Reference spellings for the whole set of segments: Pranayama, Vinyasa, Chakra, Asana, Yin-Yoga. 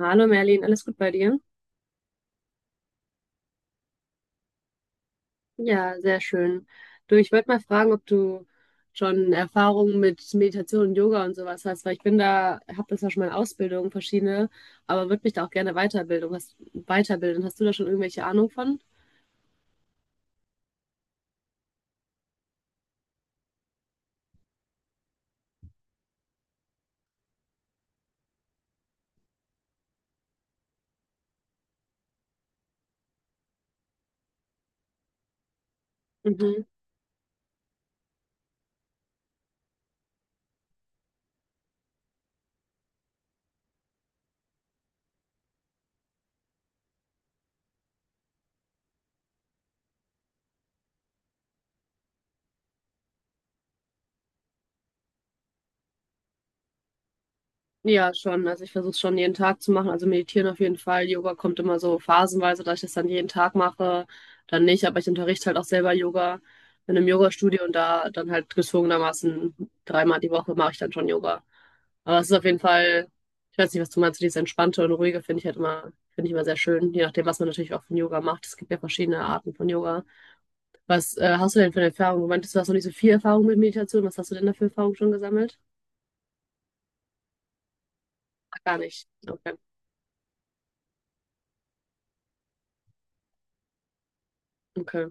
Hallo Merlin, alles gut bei dir? Ja, sehr schön. Du, ich wollte mal fragen, ob du schon Erfahrungen mit Meditation und Yoga und sowas hast, weil ich bin da, habe das ja schon mal in Ausbildung, verschiedene, aber würde mich da auch gerne weiterbilden. Hast du da schon irgendwelche Ahnung von? Mhm. Ja, schon. Also ich versuche es schon jeden Tag zu machen. Also meditieren auf jeden Fall. Yoga kommt immer so phasenweise, dass ich das dann jeden Tag mache, dann nicht. Aber ich unterrichte halt auch selber Yoga in einem Yogastudio und da dann halt gezwungenermaßen dreimal die Woche mache ich dann schon Yoga. Aber es ist auf jeden Fall, ich weiß nicht, was du meinst, dieses Entspannte und Ruhige finde ich halt immer, finde ich immer sehr schön, je nachdem, was man natürlich auch von Yoga macht. Es gibt ja verschiedene Arten von Yoga. Was hast du denn für eine Erfahrung? Du meintest, du hast noch nicht so viel Erfahrung mit Meditation. Was hast du denn da für Erfahrung schon gesammelt? Gar nicht. Okay. Okay.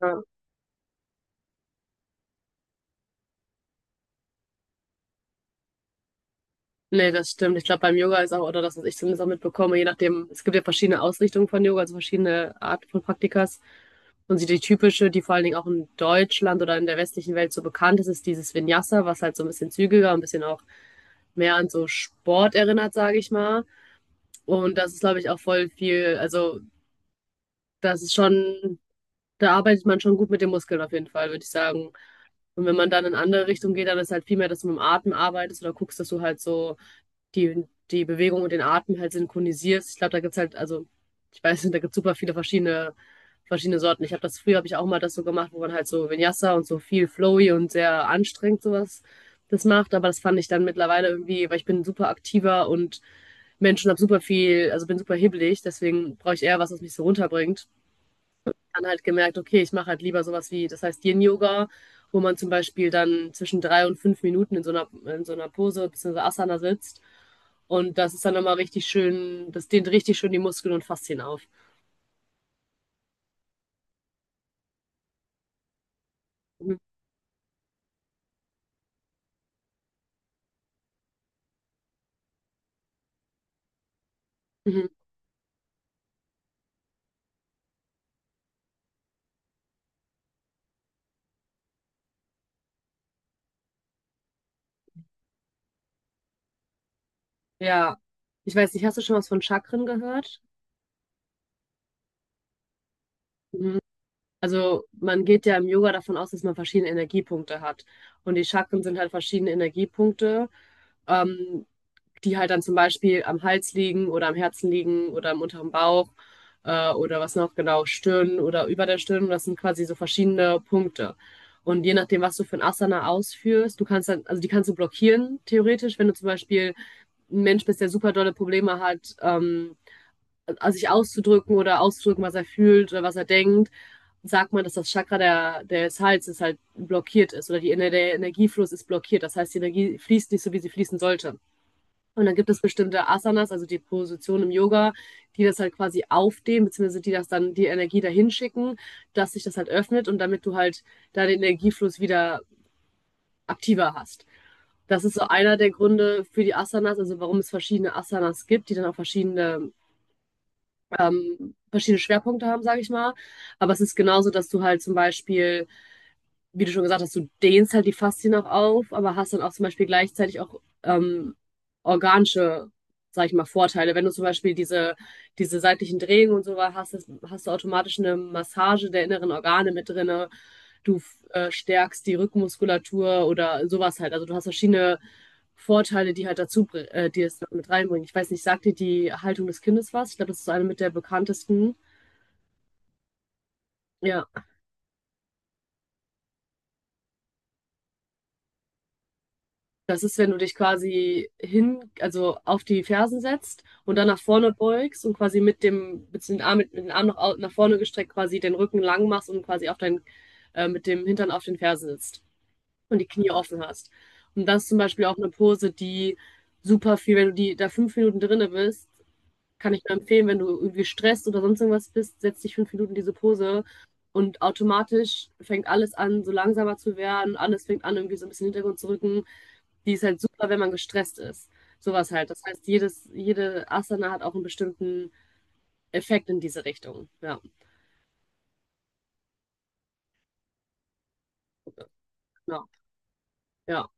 Ja. Nee, das stimmt. Ich glaube, beim Yoga ist auch, oder das, was ich zumindest auch mitbekomme, je nachdem, es gibt ja verschiedene Ausrichtungen von Yoga, also verschiedene Arten von Praktikas. Und die typische, die vor allen Dingen auch in Deutschland oder in der westlichen Welt so bekannt ist, ist dieses Vinyasa, was halt so ein bisschen zügiger, ein bisschen auch mehr an so Sport erinnert, sage ich mal. Und das ist, glaube ich, auch voll viel, also das ist schon, da arbeitet man schon gut mit den Muskeln auf jeden Fall, würde ich sagen. Und wenn man dann in andere Richtung geht, dann ist halt viel mehr, dass du mit dem Atem arbeitest oder guckst, dass du halt so die, die Bewegung und den Atem halt synchronisierst. Ich glaube, da gibt's halt, also, ich weiß nicht, da gibt's super viele verschiedene Sorten. Ich habe das früher, habe ich auch mal das so gemacht, wo man halt so Vinyasa und so viel flowy und sehr anstrengend sowas das macht. Aber das fand ich dann mittlerweile irgendwie, weil ich bin super aktiver und Menschen habe super viel, also bin super hibbelig, deswegen brauche ich eher was, was mich so runterbringt dann halt gemerkt, okay, ich mache halt lieber sowas wie, das heißt Yin-Yoga, wo man zum Beispiel dann zwischen 3 und 5 Minuten in so einer Pose bzw. Asana sitzt. Und das ist dann nochmal richtig schön, das dehnt richtig schön die Muskeln und Faszien auf. Mhm. Mhm. Ja, ich weiß nicht, hast du schon was von Chakren gehört? Mhm. Also man geht ja im Yoga davon aus, dass man verschiedene Energiepunkte hat. Und die Chakren sind halt verschiedene Energiepunkte, ähm, die halt dann zum Beispiel am Hals liegen oder am Herzen liegen oder im unteren Bauch oder was noch genau, Stirn oder über der Stirn. Das sind quasi so verschiedene Punkte. Und je nachdem, was du für ein Asana ausführst, du kannst dann, also die kannst du blockieren, theoretisch, wenn du zum Beispiel ein Mensch bist, der super dolle Probleme hat, sich auszudrücken oder auszudrücken, was er fühlt oder was er denkt, sagt man, dass das Chakra des Halses halt blockiert ist oder der Energiefluss ist blockiert. Das heißt, die Energie fließt nicht so, wie sie fließen sollte. Und dann gibt es bestimmte Asanas, also die Positionen im Yoga, die das halt quasi aufdehnen, beziehungsweise die das dann die Energie dahin schicken, dass sich das halt öffnet und damit du halt da den Energiefluss wieder aktiver hast. Das ist so einer der Gründe für die Asanas, also warum es verschiedene Asanas gibt, die dann auch verschiedene verschiedene Schwerpunkte haben, sage ich mal. Aber es ist genauso, dass du halt zum Beispiel wie du schon gesagt hast, du dehnst halt die Faszien auch auf, aber hast dann auch zum Beispiel gleichzeitig auch organische, sag ich mal, Vorteile. Wenn du zum Beispiel diese, diese seitlichen Drehungen und so weiter hast, das, hast du automatisch eine Massage der inneren Organe mit drinne. Du stärkst die Rückenmuskulatur oder sowas halt. Also du hast verschiedene Vorteile, die halt dazu, die es mit reinbringen. Ich weiß nicht, sagt dir die Haltung des Kindes was? Ich glaube, das ist eine mit der bekanntesten. Ja. Das ist, wenn du dich quasi hin, also auf die Fersen setzt und dann nach vorne beugst und quasi mit dem Arm nach, nach vorne gestreckt quasi den Rücken lang machst und quasi mit dem Hintern auf den Fersen sitzt und die Knie offen hast. Und das ist zum Beispiel auch eine Pose, die super viel, wenn du die da 5 Minuten drinne bist, kann ich nur empfehlen, wenn du irgendwie gestresst oder sonst irgendwas bist, setz dich 5 Minuten in diese Pose und automatisch fängt alles an, so langsamer zu werden, alles fängt an, irgendwie so ein bisschen in den Hintergrund zu rücken. Die ist halt super, wenn man gestresst ist. Sowas halt. Das heißt, jede Asana hat auch einen bestimmten Effekt in diese Richtung. Ja, genau. Ja.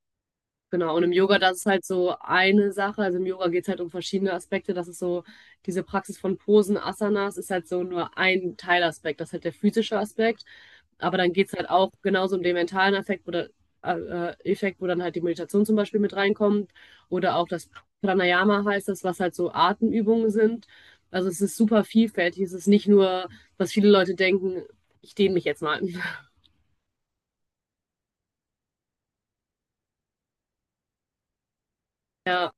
Genau, und im Yoga, das ist halt so eine Sache. Also im Yoga geht es halt um verschiedene Aspekte. Das ist so, diese Praxis von Posen, Asanas, ist halt so nur ein Teilaspekt. Das ist halt der physische Aspekt. Aber dann geht es halt auch genauso um den mentalen Effekt, wo dann halt die Meditation zum Beispiel mit reinkommt. Oder auch das Pranayama heißt das, was halt so Atemübungen sind. Also es ist super vielfältig. Es ist nicht nur, was viele Leute denken, ich dehne mich jetzt mal. Ja,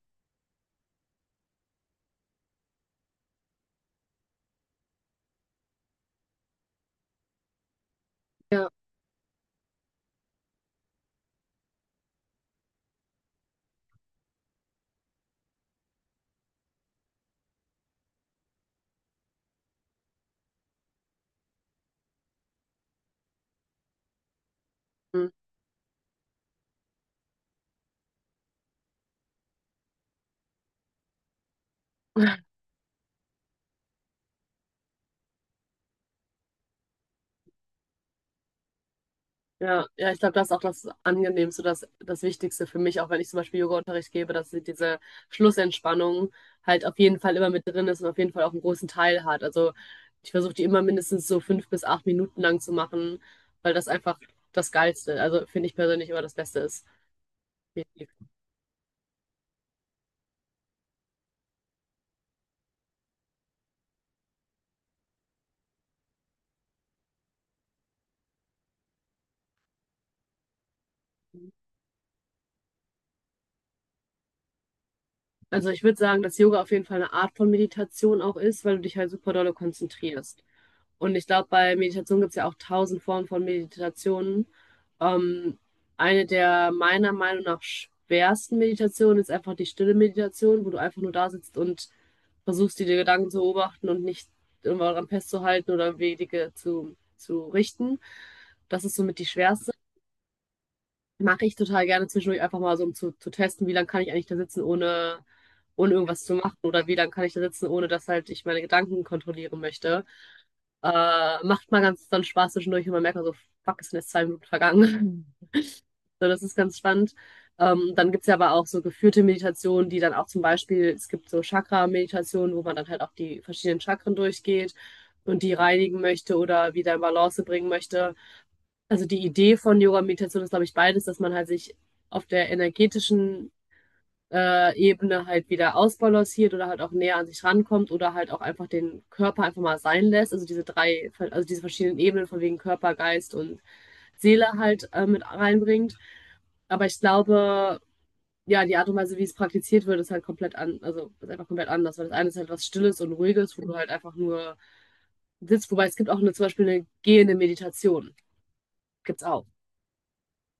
ja. Ja, ja, ich glaube, das ist auch das Angenehmste, das Wichtigste für mich, auch wenn ich zum Beispiel Yoga-Unterricht gebe, dass sie diese Schlussentspannung halt auf jeden Fall immer mit drin ist und auf jeden Fall auch einen großen Teil hat. Also ich versuche die immer mindestens so 5 bis 8 Minuten lang zu machen, weil das einfach das Geilste, also finde ich persönlich immer das Beste ist. Definitiv. Also ich würde sagen, dass Yoga auf jeden Fall eine Art von Meditation auch ist, weil du dich halt super dolle konzentrierst. Und ich glaube, bei Meditation gibt es ja auch tausend Formen von Meditationen. Ähm, eine der meiner Meinung nach schwersten Meditationen ist einfach die stille Meditation, wo du einfach nur da sitzt und versuchst, die Gedanken zu beobachten und nicht irgendwann daran festzuhalten oder Wege zu richten. Das ist somit die schwerste. Mache ich total gerne zwischendurch einfach mal so, um zu testen, wie lange kann ich eigentlich da sitzen, ohne irgendwas zu machen oder wie lange kann ich da sitzen, ohne dass halt ich meine Gedanken kontrollieren möchte. Äh, macht mal ganz dann Spaß zwischendurch und man merkt dann so, fuck, es sind jetzt 2 Minuten vergangen. So, das ist ganz spannend. Dann gibt's ja aber auch so geführte Meditationen, die dann auch zum Beispiel, es gibt so Chakra-Meditationen, wo man dann halt auch die verschiedenen Chakren durchgeht und die reinigen möchte oder wieder in Balance bringen möchte also die Idee von Yoga Meditation ist, glaube ich, beides, dass man halt sich auf der energetischen Ebene halt wieder ausbalanciert oder halt auch näher an sich rankommt oder halt auch einfach den Körper einfach mal sein lässt. Also diese drei, also diese verschiedenen Ebenen von wegen Körper, Geist und Seele halt mit reinbringt. Aber ich glaube, ja, die Art und Weise, wie es praktiziert wird, ist halt also ist einfach komplett anders. Weil das eine ist halt was Stilles und Ruhiges, wo du halt einfach nur sitzt. Wobei es gibt auch eine, zum Beispiel eine gehende Meditation. Gibt's auch.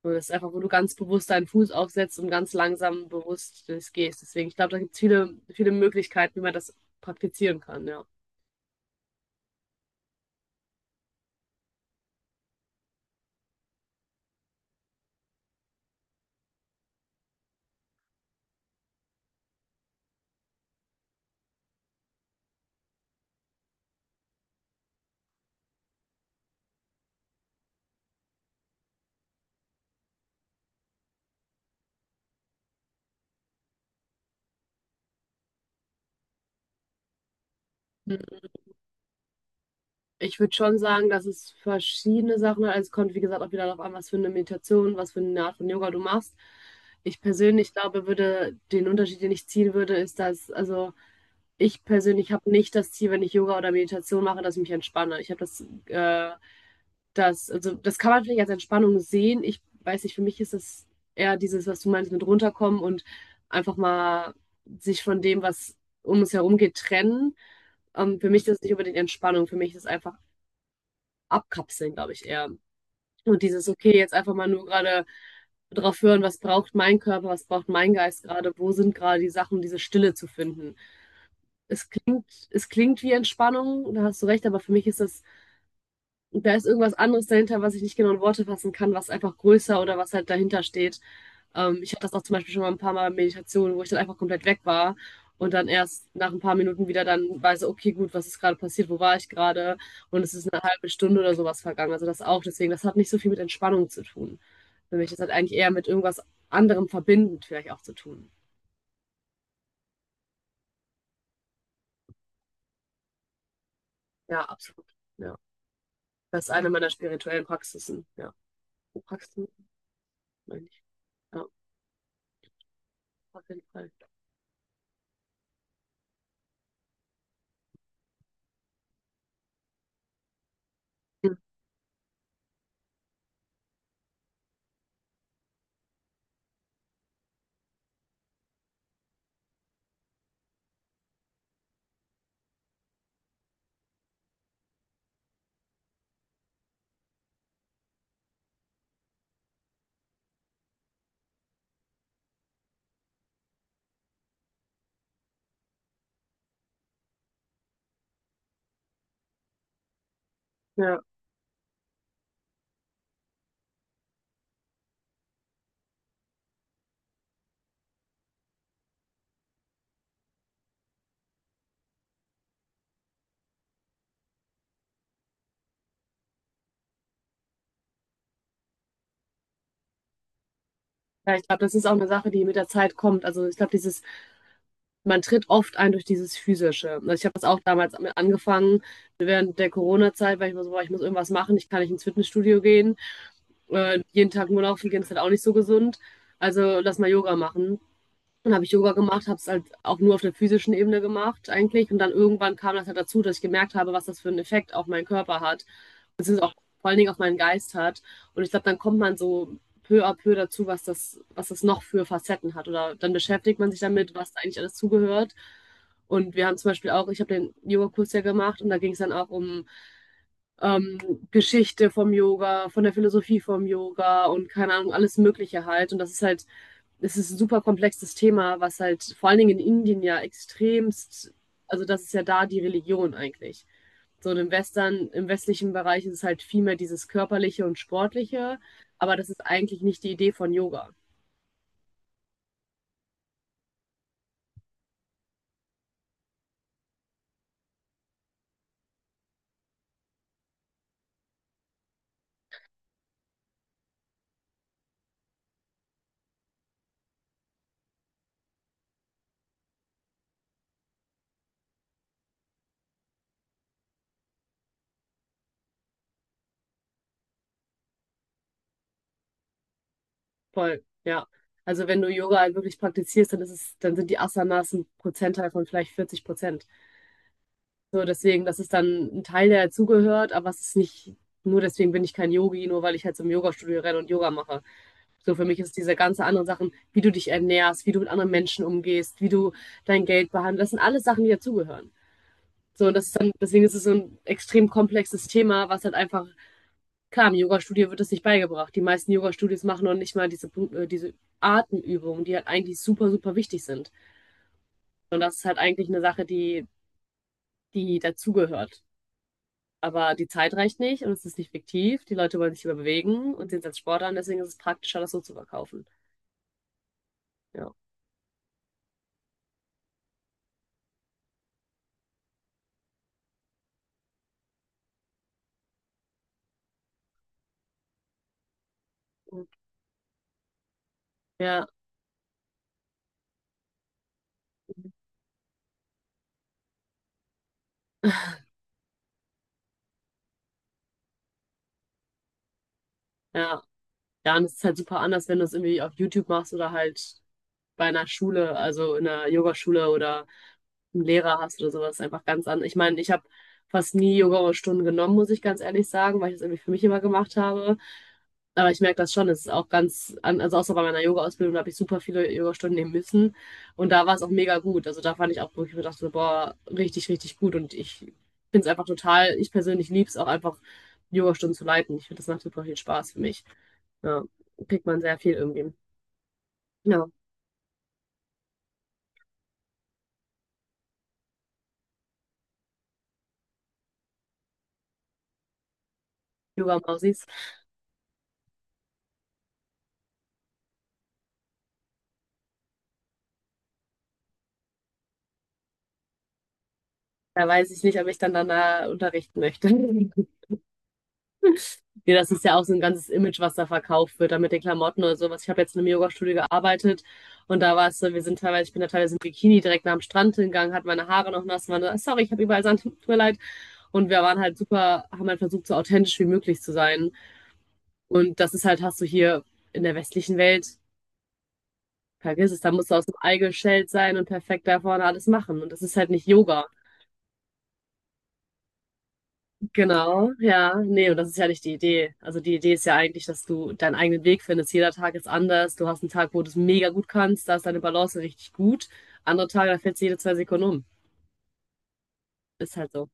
Und das ist einfach, wo du ganz bewusst deinen Fuß aufsetzt und ganz langsam bewusst das gehst. Deswegen, ich glaube, da gibt es viele, viele Möglichkeiten, wie man das praktizieren kann, ja. Ich würde schon sagen, dass es verschiedene Sachen hat. Also es kommt, wie gesagt, auch wieder darauf an, was für eine Meditation, was für eine Art von Yoga du machst. Ich persönlich glaube, würde, den Unterschied, den ich ziehen würde, ist, dass, also ich persönlich habe nicht das Ziel, wenn ich Yoga oder Meditation mache, dass ich mich entspanne. Ich habe das das, also das kann man vielleicht als Entspannung sehen. Ich weiß nicht, für mich ist das eher dieses, was du meinst, mit runterkommen und einfach mal sich von dem, was um uns herum geht, trennen. Für mich ist das nicht unbedingt Entspannung, für mich ist das einfach abkapseln, glaube ich, eher. Und dieses, okay, jetzt einfach mal nur gerade drauf hören, was braucht mein Körper, was braucht mein Geist gerade, wo sind gerade die Sachen, um diese Stille zu finden. Es klingt wie Entspannung, da hast du recht, aber für mich ist das. Und da ist irgendwas anderes dahinter, was ich nicht genau in Worte fassen kann, was einfach größer oder was halt dahinter steht. Ich hatte das auch zum Beispiel schon mal ein paar Mal Meditationen, wo ich dann einfach komplett weg war und dann erst nach ein paar Minuten wieder dann weiß, okay, gut, was ist gerade passiert, wo war ich gerade? Und es ist eine halbe Stunde oder sowas vergangen. Also das auch. Deswegen, das hat nicht so viel mit Entspannung zu tun. Für mich, das hat eigentlich eher mit irgendwas anderem verbindend vielleicht auch zu tun. Ja, absolut. Ja. Das ist eine meiner spirituellen Praxisen. Ja. Praxisen, meine ich. Ja, auf jeden Fall. Ja. Ja, ich glaube, das ist auch eine Sache, die mit der Zeit kommt. Also ich glaube, dieses, man tritt oft ein durch dieses Physische. Also ich habe das auch damals angefangen, während der Corona-Zeit, weil ich mir so war, ich muss irgendwas machen, ich kann nicht ins Fitnessstudio gehen. Jeden Tag nur laufen gehen ist halt auch nicht so gesund. Also lass mal Yoga machen. Dann habe ich Yoga gemacht, habe es halt auch nur auf der physischen Ebene gemacht eigentlich. Und dann irgendwann kam das halt dazu, dass ich gemerkt habe, was das für einen Effekt auf meinen Körper hat, vor allen Dingen auf meinen Geist hat. Und ich glaube, dann kommt man so peu à peu dazu, was das noch für Facetten hat. Oder dann beschäftigt man sich damit, was da eigentlich alles zugehört. Und wir haben zum Beispiel auch, ich habe den Yoga-Kurs ja gemacht und da ging es dann auch um ähm, Geschichte vom Yoga, von der Philosophie vom Yoga und keine Ahnung, alles Mögliche halt. Und das ist halt, es ist ein super komplexes Thema, was halt vor allen Dingen in Indien ja extremst, also das ist ja da die Religion eigentlich. So im Western, im westlichen Bereich ist es halt viel mehr dieses körperliche und sportliche, aber das ist eigentlich nicht die Idee von Yoga. Voll, ja. Also wenn du Yoga halt wirklich praktizierst, dann ist es, dann sind die Asanas ein Prozentteil von vielleicht 40%. So deswegen, das ist dann ein Teil, der dazugehört, aber es ist nicht, nur deswegen bin ich kein Yogi, nur weil ich halt zum Yoga-Studio renne und Yoga mache. So für mich ist diese ganze anderen Sachen, wie du dich ernährst, wie du mit anderen Menschen umgehst, wie du dein Geld behandelst, das sind alles Sachen, die dazugehören. So, und das ist dann, deswegen ist es so ein extrem komplexes Thema, was halt einfach, klar, im Yoga-Studio wird das nicht beigebracht. Die meisten Yoga-Studios machen noch nicht mal diese Atemübungen, die halt eigentlich super, super wichtig sind. Und das ist halt eigentlich eine Sache, die, die dazugehört. Aber die Zeit reicht nicht und es ist nicht fiktiv. Die Leute wollen sich überbewegen und sehen es als Sport an, deswegen ist es praktischer, das so zu verkaufen. Ja. Ja, ja. Ja, und es ist halt super anders, wenn du es irgendwie auf YouTube machst oder halt bei einer Schule, also in einer Yogaschule oder einen Lehrer hast oder sowas, ist einfach ganz anders. Ich meine, ich habe fast nie Yoga-Stunden genommen, muss ich ganz ehrlich sagen, weil ich das irgendwie für mich immer gemacht habe. Aber ich merke das schon, es ist auch ganz, also außer bei meiner Yoga-Ausbildung, da habe ich super viele Yoga-Stunden nehmen müssen. Und da war es auch mega gut. Also da fand ich auch, wo ich mir dachte, so, boah, richtig, richtig gut. Und ich finde es einfach total, ich persönlich liebe es auch einfach, Yoga-Stunden zu leiten. Ich finde, das macht super viel Spaß für mich. Ja, kriegt man sehr viel irgendwie. Ja, Yoga-Mausis. Da weiß ich nicht, ob ich dann danach unterrichten möchte. Nee, das ist ja auch so ein ganzes Image, was da verkauft wird, da mit den Klamotten oder sowas. Ich habe jetzt in einem Yoga Studio gearbeitet und da war es so, wir sind teilweise, ich bin da teilweise im Bikini direkt nach dem Strand hingegangen, hatte meine Haare noch nass, war sorry, ich habe überall Sand, tut mir leid. Und wir waren halt super, haben halt versucht, so authentisch wie möglich zu sein. Und das ist halt, hast du hier in der westlichen Welt, vergiss es, da musst du aus dem Ei geschält sein und perfekt da vorne alles machen. Und das ist halt nicht Yoga. Genau, ja. Nee, und das ist ja nicht die Idee. Also die Idee ist ja eigentlich, dass du deinen eigenen Weg findest. Jeder Tag ist anders. Du hast einen Tag, wo du es mega gut kannst, da ist deine Balance richtig gut. Andere Tage, da fällt es jede 2 Sekunden um. Ist halt so.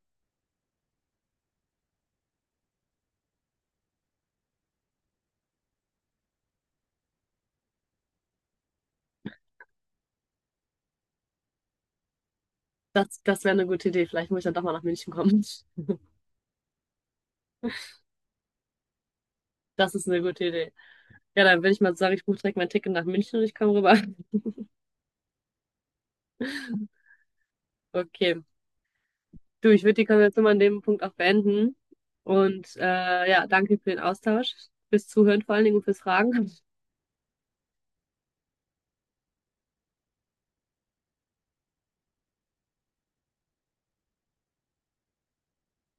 Das, das wäre eine gute Idee. Vielleicht muss ich dann doch mal nach München kommen. Das ist eine gute Idee. Ja, dann würde ich mal sagen, ich buche direkt mein Ticket nach München und ich komme rüber. Okay. Du, ich würde die Konversation mal an dem Punkt auch beenden. Und ja, danke für den Austausch, fürs Zuhören vor allen Dingen und fürs Fragen.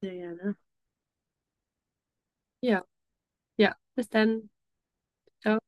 Sehr gerne. Ja, ja. Bis dann. Ciao.